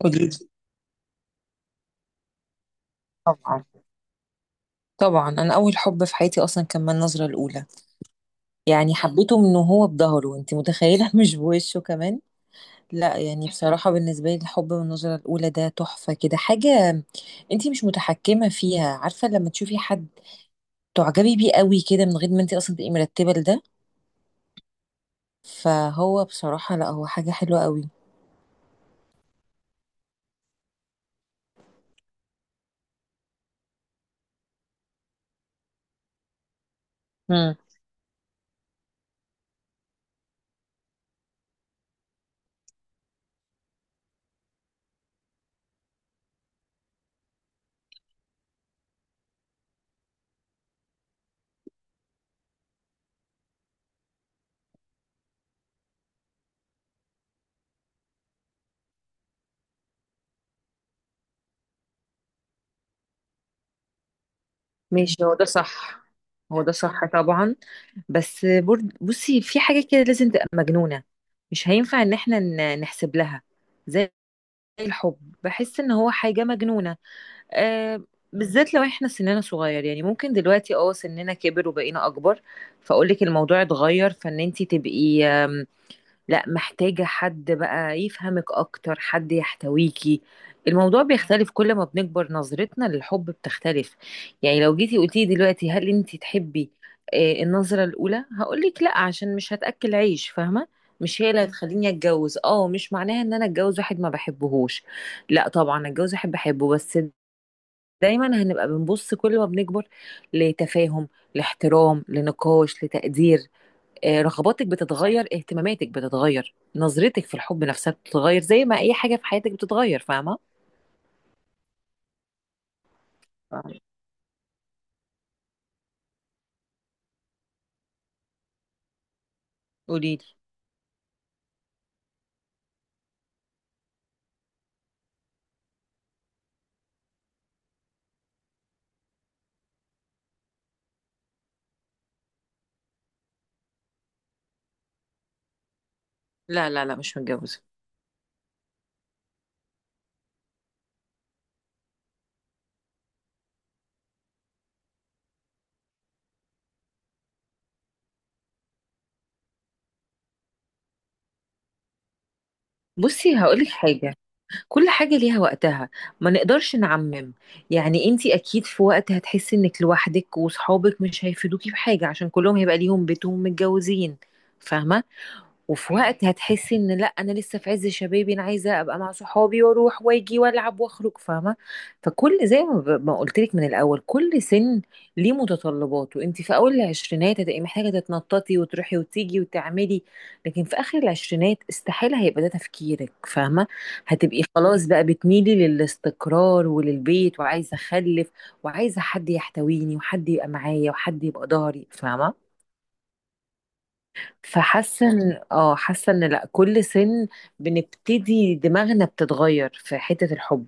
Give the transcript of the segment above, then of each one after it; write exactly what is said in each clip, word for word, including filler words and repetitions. قولي. طبعا. طبعا انا اول حب في حياتي اصلا كان من النظره الاولى. يعني حبيته من وهو بظهره، انت متخيله؟ مش بوشه كمان. لا يعني بصراحه بالنسبه لي، الحب من النظره الاولى ده تحفه كده، حاجه انت مش متحكمه فيها. عارفه لما تشوفي حد تعجبي بيه قوي كده من غير ما انت اصلا تبقي مرتبه لده؟ فهو بصراحه لا، هو حاجه حلوه قوي. امم، ماشي. هو ده صح. هو ده صح طبعا، بس برد بصي، في حاجة كده لازم تبقى مجنونة، مش هينفع ان احنا ن- نحسب لها. زي الحب، بحس ان هو حاجة مجنونة. آه، بالذات لو احنا سننا صغير. يعني ممكن دلوقتي اه سننا كبر وبقينا اكبر، فاقولك الموضوع اتغير، فان انتي تبقي آمم، لا محتاجة حد بقى يفهمك أكتر، حد يحتويكي. الموضوع بيختلف كل ما بنكبر، نظرتنا للحب بتختلف. يعني لو جيتي قلتي دلوقتي هل انت تحبي آه، النظرة الأولى، هقولك لا، عشان مش هتأكل عيش، فاهمة؟ مش هي اللي مم. هتخليني اتجوز. اه مش معناها ان انا اتجوز واحد ما بحبهوش، لا طبعا اتجوز واحد بحبه، بس دايما هنبقى بنبص كل ما بنكبر لتفاهم، لاحترام، لنقاش، لتقدير. آه، رغباتك بتتغير، اهتماماتك بتتغير، نظرتك في الحب نفسها بتتغير، زي ما اي حاجه في حياتك بتتغير، فاهمه؟ فاهمة. قولي لي. لا لا لا، مش متجوزه. بصي هقولك حاجه، كل حاجه ليها وقتها، ما نقدرش نعمم. يعني انتي اكيد في وقت هتحسي انك لوحدك وصحابك مش هيفيدوكي في حاجه عشان كلهم هيبقى ليهم بيتهم، متجوزين، فاهمه؟ وفي وقت هتحسي ان لا، انا لسه في عز شبابي، انا عايزه ابقى مع صحابي واروح واجي والعب واخرج، فاهمه؟ فكل زي ما ب- ما قلت لك من الاول، كل سن ليه متطلباته. انت في اول العشرينات هتبقي محتاجه تتنططي وتروحي وتيجي وتعملي، لكن في اخر العشرينات استحيل هيبقى ده تفكيرك، فاهمه؟ هتبقي خلاص بقى بتميلي للاستقرار وللبيت، وعايزه اخلف، وعايزه حد يحتويني، وحد يبقى معايا، وحد يبقى ضهري، فاهمه؟ فحاسه ان اه حاسه ان لا، كل سن بنبتدي دماغنا بتتغير في حته الحب.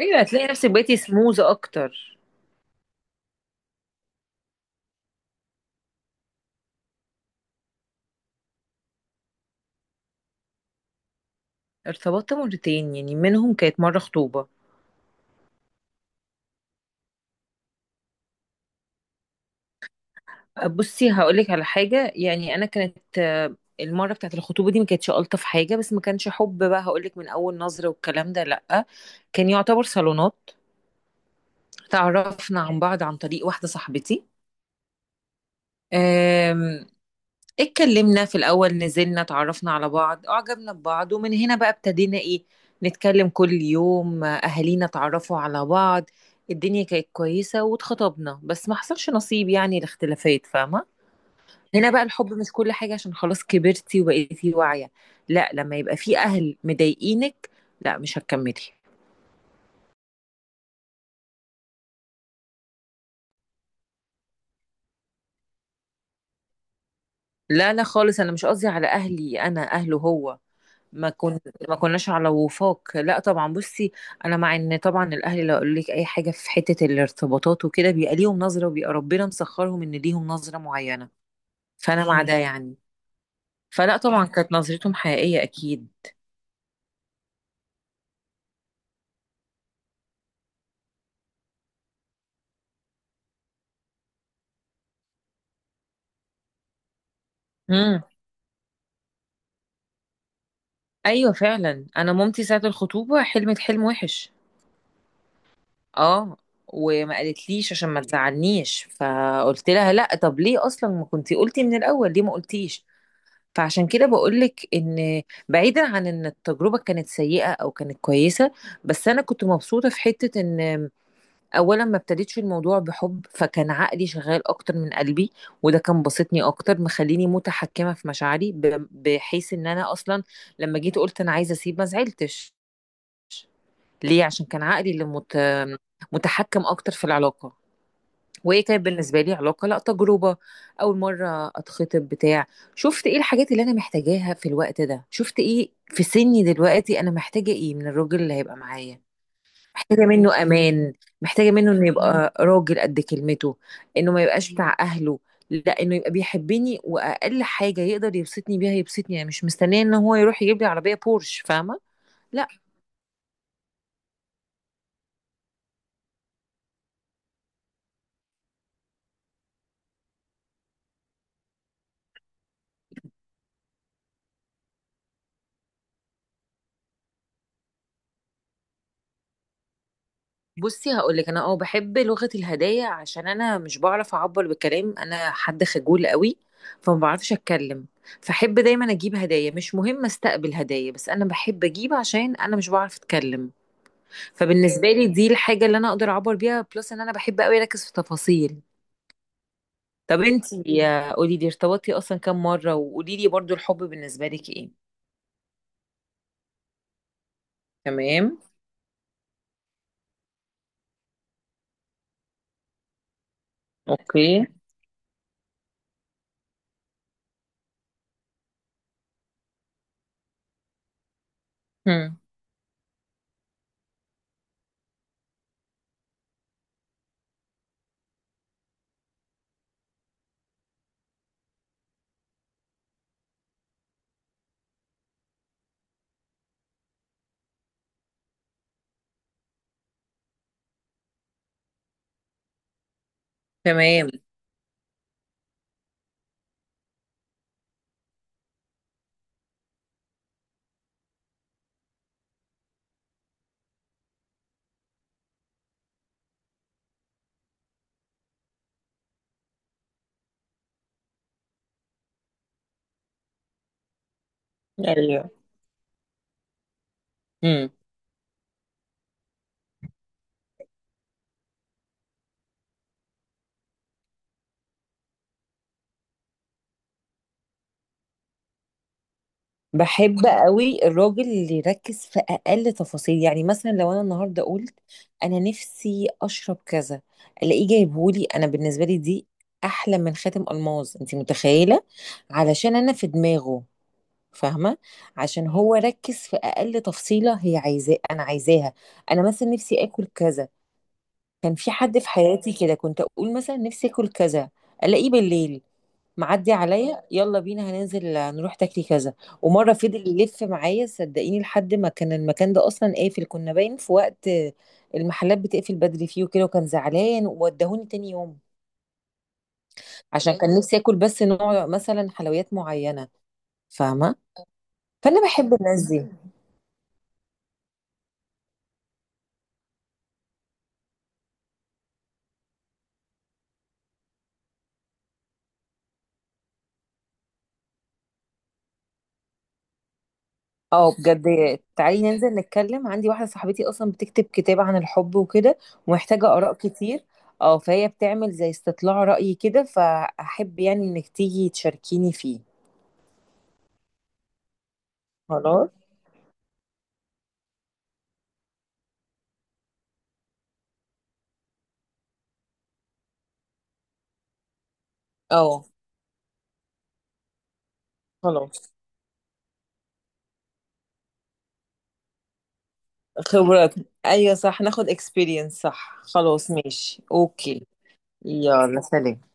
ايوه، هتلاقي نفسك بقيتي سموز اكتر. ارتبطت مرتين، يعني منهم كانت مره خطوبه. بصي هقولك على حاجه، يعني انا كانت آه، المره بتاعت الخطوبه دي ما كانتش الطف حاجه، بس ما كانش حب بقى هقولك من اول نظره والكلام ده، لا. كان يعتبر صالونات. تعرفنا عن بعض عن طريق واحده صاحبتي، اتكلمنا في الأول، نزلنا اتعرفنا على بعض، أعجبنا ببعض، ومن هنا بقى ابتدينا إيه، نتكلم كل يوم، أهالينا اتعرفوا على بعض، الدنيا كانت كويسة واتخطبنا. بس ما حصلش نصيب، يعني الاختلافات، فاهمة؟ هنا بقى الحب مش كل حاجة، عشان خلاص كبرتي وبقيتي واعية، لا، لما يبقى في أهل مضايقينك لا، مش هتكملي. لا لا خالص، أنا مش قصدي على أهلي، أنا أهله هو. ما كن ما كناش على وفاق، لا طبعا. بصي، انا مع ان طبعا الاهل لو قالوا لك اي حاجه في حته الارتباطات وكده، بيبقى ليهم نظره، وبيبقى ربنا مسخرهم ان ليهم نظره معينه. فانا مع ده مم. يعني. فلا طبعا كانت نظرتهم حقيقيه اكيد. امم. ايوه فعلا، انا مامتي ساعه الخطوبه حلمت حلم وحش. اه. وما قالتليش عشان ما تزعلنيش، فقلت لها لا، طب ليه اصلا ما كنتي قلتي من الاول؟ ليه ما قلتيش؟ فعشان كده بقولك ان، بعيدا عن ان التجربة كانت سيئة او كانت كويسة، بس انا كنت مبسوطة في حتة ان اولا ما ابتديتش الموضوع بحب، فكان عقلي شغال اكتر من قلبي، وده كان بسطني اكتر، مخليني متحكمة في مشاعري، ب- بحيث ان انا اصلا لما جيت قلت انا عايزة اسيب، ما زعلتش، ليه؟ عشان كان عقلي اللي مت... متحكم اكتر في العلاقة. وهي كانت بالنسبه لي علاقه، لا تجربه، اول مره اتخطب بتاع، شفت ايه الحاجات اللي انا محتاجاها في الوقت ده، شفت ايه في سني دلوقتي، انا محتاجه ايه من الراجل اللي هيبقى معايا. محتاجه منه امان، محتاجه منه انه يبقى راجل قد كلمته، انه ما يبقاش بتاع اهله، لا، انه يبقى بيحبني، واقل حاجه يقدر يبسطني بيها يبسطني، انا مش مستنيه ان هو يروح يجيب لي عربيه بورش، فاهمه؟ بصي هقولك، انا اه بحب لغة الهدايا، عشان انا مش بعرف اعبر بالكلام، انا حد خجول قوي، فما بعرفش اتكلم، فحب دايما اجيب هدايا، مش مهم استقبل هدايا، بس انا بحب اجيب عشان انا مش بعرف اتكلم. فبالنسبة لي دي الحاجة اللي انا اقدر اعبر بيها، بلس ان انا بحب قوي اركز في تفاصيل. طب انتي يا قولي لي، ارتبطتي اصلا كام مرة؟ وقولي لي برضو الحب بالنسبة لك ايه؟ تمام. اوكي. هم. تمام. ايوه، بحب قوي الراجل اللي يركز في اقل تفاصيل. يعني مثلا لو انا النهارده قلت انا نفسي اشرب كذا، الاقيه جايبهولي، انا بالنسبه لي دي احلى من خاتم الماظ، انت متخيله؟ علشان انا في دماغه، فاهمه؟ عشان هو ركز في اقل تفصيله هي عايزاه، انا عايزاها. انا مثلا نفسي اكل كذا، كان في حد في حياتي كده، كنت اقول مثلا نفسي اكل كذا، الاقيه بالليل معدي عليا، يلا بينا هننزل نروح تاكلي كذا. ومره فضل يلف معايا صدقيني لحد ما كان المكان ده اصلا قافل، كنا باين في وقت المحلات بتقفل بدري فيه وكده، وكان زعلان وودهوني تاني يوم عشان كان نفسي اكل بس نوع مثلا حلويات معينه، فاهمه؟ فانا بحب الناس دي. اه، بجد تعالي ننزل نتكلم، عندي واحدة صاحبتي اصلا بتكتب كتاب عن الحب وكده، ومحتاجة اراء كتير. اه، فهي بتعمل زي استطلاع رأي كده، فاحب يعني انك تيجي تشاركيني فيه. خلاص. اه، خلاص. خبرات. ايوه صح، ناخد اكسبيرينس، صح، خلاص ماشي، اوكي. يلا سلام.